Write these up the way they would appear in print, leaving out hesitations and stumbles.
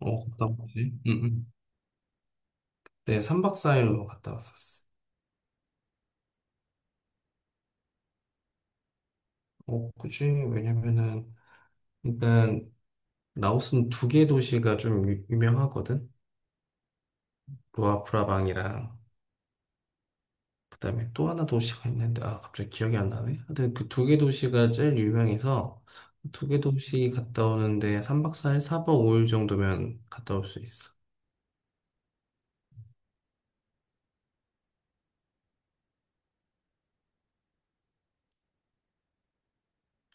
어, 갔다 왔지? 응, 응. 네, 3박 4일로 갔다 왔었어. 어, 굳이, 왜냐면은, 일단, 라오스는 두 개 도시가 좀 유명하거든? 루아프라방이랑, 그 다음에 또 하나 도시가 있는데, 아, 갑자기 기억이 안 나네? 하여튼 그 두 개 도시가 제일 유명해서, 두 개 도시 갔다 오는데, 3박 4일, 4박 5일 정도면 갔다 올 수 있어.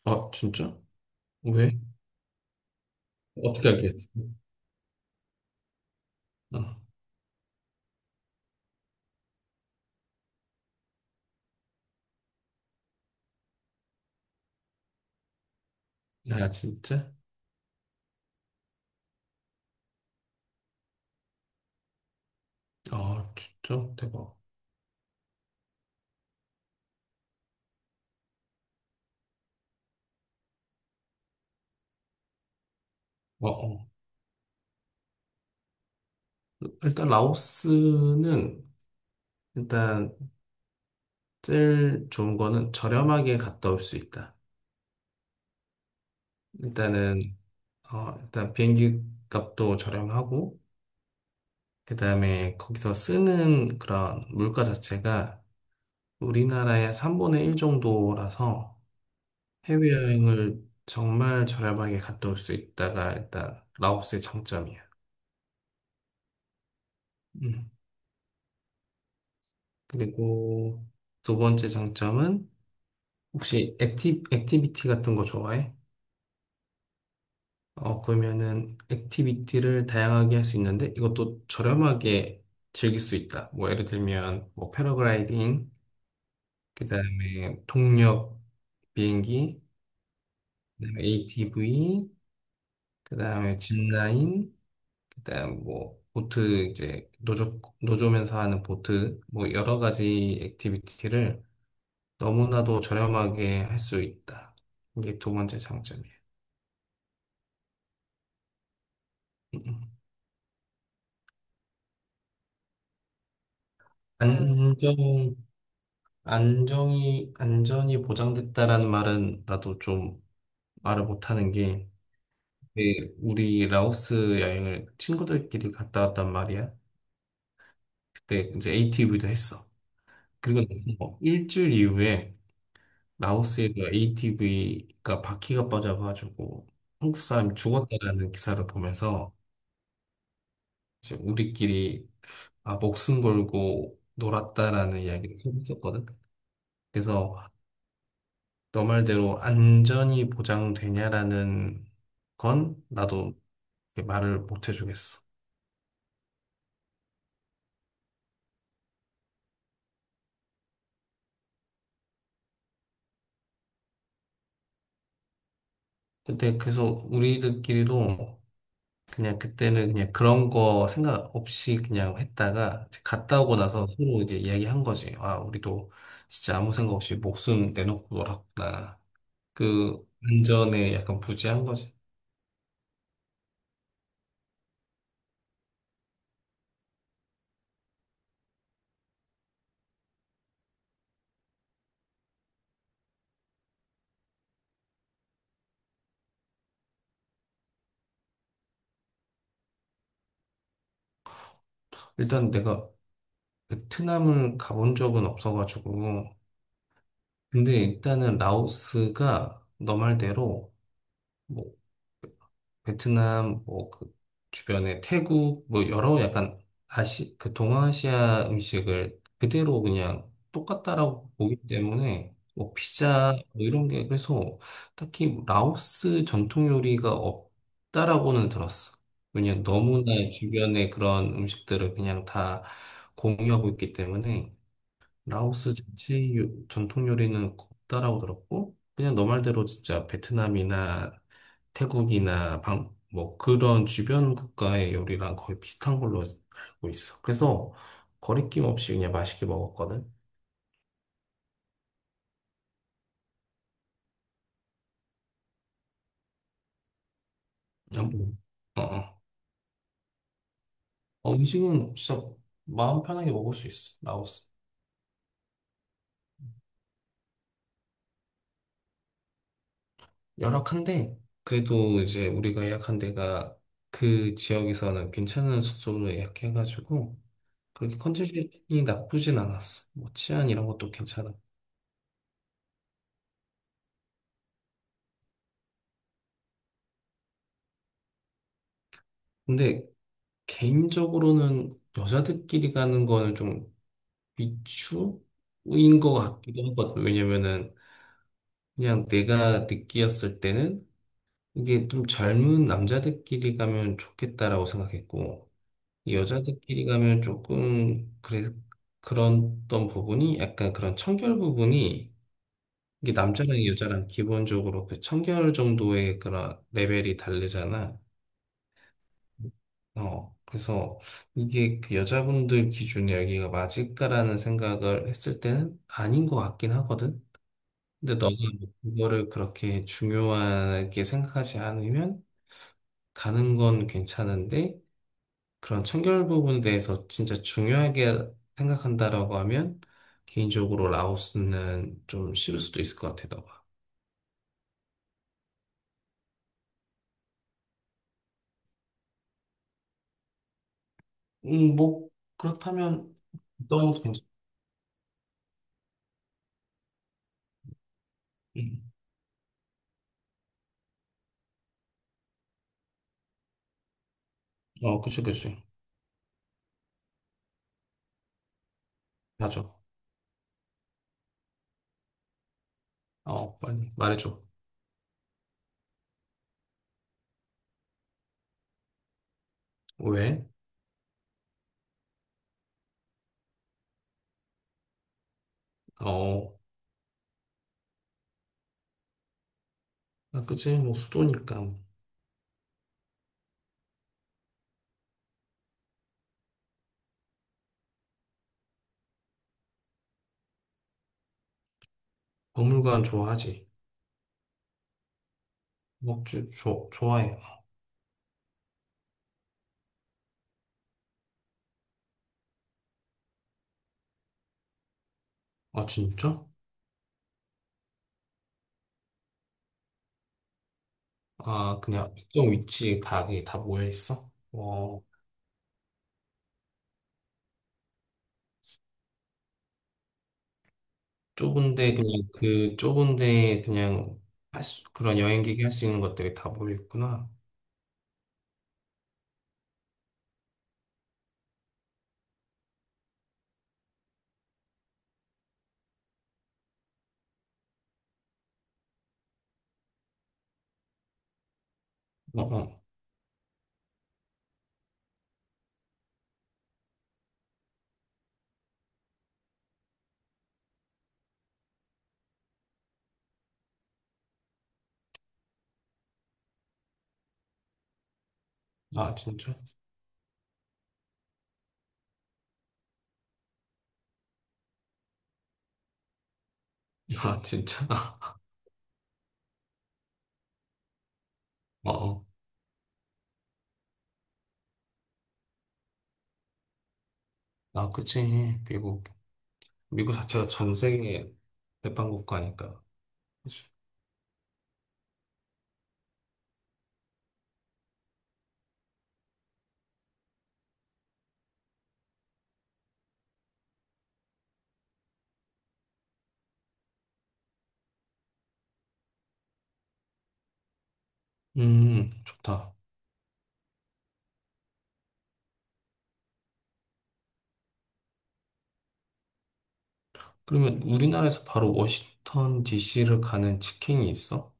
아, 진짜? 왜? 어떻게 알겠어? 어. 야, 진짜? 아, 진짜? 대박. 어, 어. 일단 라오스는 일단 제일 좋은 거는 저렴하게 갔다 올 수 있다. 일단은 어, 일단 비행기 값도 저렴하고 그다음에 거기서 쓰는 그런 물가 자체가 우리나라의 3분의 1 정도라서 해외여행을 정말 저렴하게 갔다 올 수 있다가 일단 라오스의 장점이야. 음. 그리고 두 번째 장점은 혹시 액티비티 같은 거 좋아해? 어, 그러면은 액티비티를 다양하게 할 수 있는데 이것도 저렴하게 즐길 수 있다. 뭐 예를 들면 뭐 패러글라이딩, 그다음에 동력 비행기, 그다음에 ATV, 그다음에 짚라인, 그다음 뭐 보트 이제 노조 노조면서 하는 보트 뭐 여러 가지 액티비티를 너무나도 저렴하게 할 수 있다. 이게 두 번째 장점이에요. 음, 음. 음, 안정 안전이 보장됐다라는 말은 나도 좀 말을 못하는 게, 그 우리 라오스 여행을 친구들끼리 갔다 왔단 말이야. 그때 이제 ATV도 했어. 그리고 나서 뭐 일주일 이후에 라오스에서 ATV가 바퀴가 빠져가지고 한국 사람이 죽었다라는 기사를 보면서 이제 우리끼리 아, 목숨 걸고 놀았다라는 이야기를 했었거든. 그래서 너 말대로 안전이 보장되냐라는 건 나도 이렇게 말을 못 해주겠어. 그때 그래서 우리들끼리도 그냥 그때는 그냥 그런 거 생각 없이 그냥 했다가 이제 갔다 오고 나서 서로 이제 이야기한 거지. 아, 우리도 진짜 아무 생각 없이 목숨 내놓고 놀았구나. 그 안전에 약간 부재한 거지. 일단 내가 베트남을 가본 적은 없어가지고, 근데 일단은 라오스가 너 말대로 뭐 베트남, 뭐, 그 주변에 태국, 뭐, 여러 약간 아시, 그 동아시아 음식을 그대로 그냥 똑같다라고 보기 때문에, 뭐, 피자, 뭐, 이런 게, 그래서 딱히 라오스 전통 요리가 없다라고는 들었어. 왜냐면 너무나 주변에 그런 음식들을 그냥 다 공유하고 있기 때문에, 라오스 자체 전통 요리는 없다라고 들었고, 그냥 너 말대로 진짜 베트남이나 태국이나 방, 뭐 그런 주변 국가의 요리랑 거의 비슷한 걸로 알고 있어. 그래서 거리낌 없이 그냥 맛있게 먹었거든. 음. 어, 어. 어, 음식은 진짜 마음 편하게 먹을 수 있어. 라오스. 열악한데 그래도 이제 우리가 예약한 데가 그 지역에서는 괜찮은 숙소로 예약해가지고 그렇게 컨디션이 나쁘진 않았어. 뭐 치안 이런 것도 괜찮아. 근데 개인적으로는 여자들끼리 가는 거는 좀 비추인 것 같기도 하거든. 왜냐면은 그냥 내가 느끼었을 때는 이게 좀 젊은 남자들끼리 가면 좋겠다라고 생각했고 여자들끼리 가면 조금 그랬던 부분이 약간 그런 청결 부분이 이게 남자랑 여자랑 기본적으로 그 청결 정도의 그런 레벨이 다르잖아. 어, 그래서 이게 그 여자분들 기준에 여기가 맞을까라는 생각을 했을 때는 아닌 것 같긴 하거든. 근데 너가 그거를 그렇게 중요하게 생각하지 않으면 가는 건 괜찮은데. 그런 청결 부분에 대해서 진짜 중요하게 생각한다라고 하면 개인적으로 라오스는 좀 싫을 수도 있을 것 같아, 너가. 뭐 그렇다면 너무 괜찮. 음. 어, 그치, 그치. 맞아. 어, 빨리 말해줘. 왜? 어, 나 그치? 뭐 수도니까 박물관 좋아하지. 먹주 좋 좋아해. 아, 진짜? 아, 그냥 특정 위치에 다, 그게 다 모여 있어? 어. 좁은데 그냥 그 좁은데 그냥 할 수, 그런 여행객이 할 수 있는 것들이 다 모여 있구나. 어, 어. 아, 진짜? 아, 진짜? 어, 어. 아, 그치. 미국. 미국 자체가 전 세계 대빵 국가니까. 그치. 좋다. 그러면 우리나라에서 바로 워싱턴 DC를 가는 직행이 있어?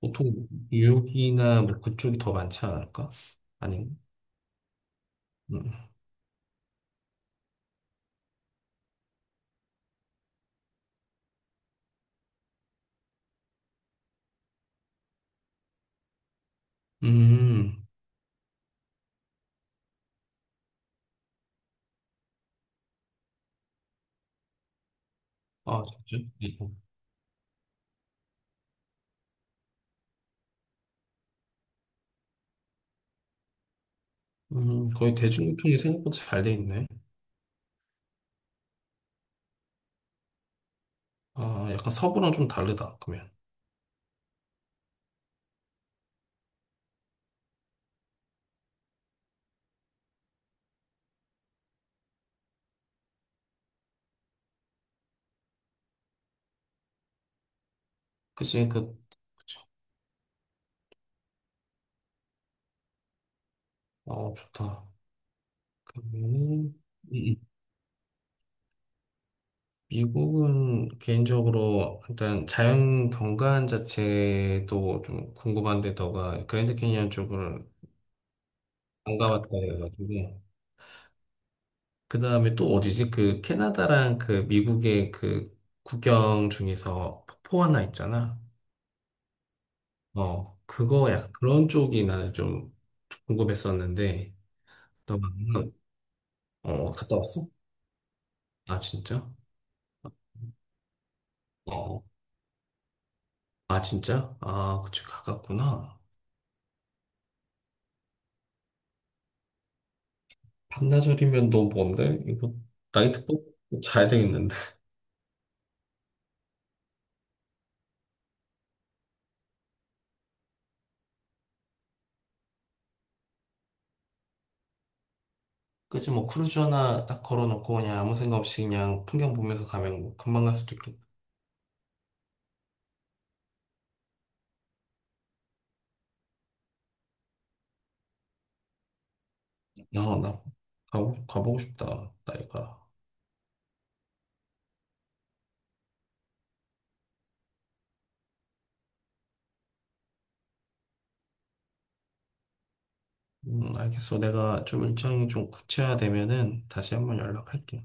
보통 뉴욕이나 뭐 그쪽이 더 많지 않을까? 아닌가? 음. 음. 아, 진짜? 네. 거의 대중교통이 생각보다 잘 돼 있네. 아, 약간 서부랑 좀 다르다, 그러면. 그치, 그치. 어, 좋다. 그러면은, 음, 음. 미국은 개인적으로 일단 자연 경관 자체도 좀 궁금한데, 너가 그랜드 캐니언 쪽을 안 가봤다 해가지고. 그 다음에 또 어디지? 그 캐나다랑 그 미국의 그 국경 중에서 폭포 하나 있잖아. 어, 그거 약간 그런 쪽이 나는 좀 궁금했었는데, 너 만남, 어, 갔다 왔어? 아, 진짜? 어, 아, 진짜? 아, 그치, 가깝구나. 반나절이면 너무 먼데? 이거, 나이트 c l 자야 되겠는데. 그치, 뭐, 크루즈 하나 딱 걸어놓고, 그냥 아무 생각 없이 그냥 풍경 보면서 가면 뭐 금방 갈 수도 있겠다. 야, 나, 가보고 싶다, 나이가. 알겠어. 내가 좀 일정이 좀 구체화되면은 다시 한번 연락할게.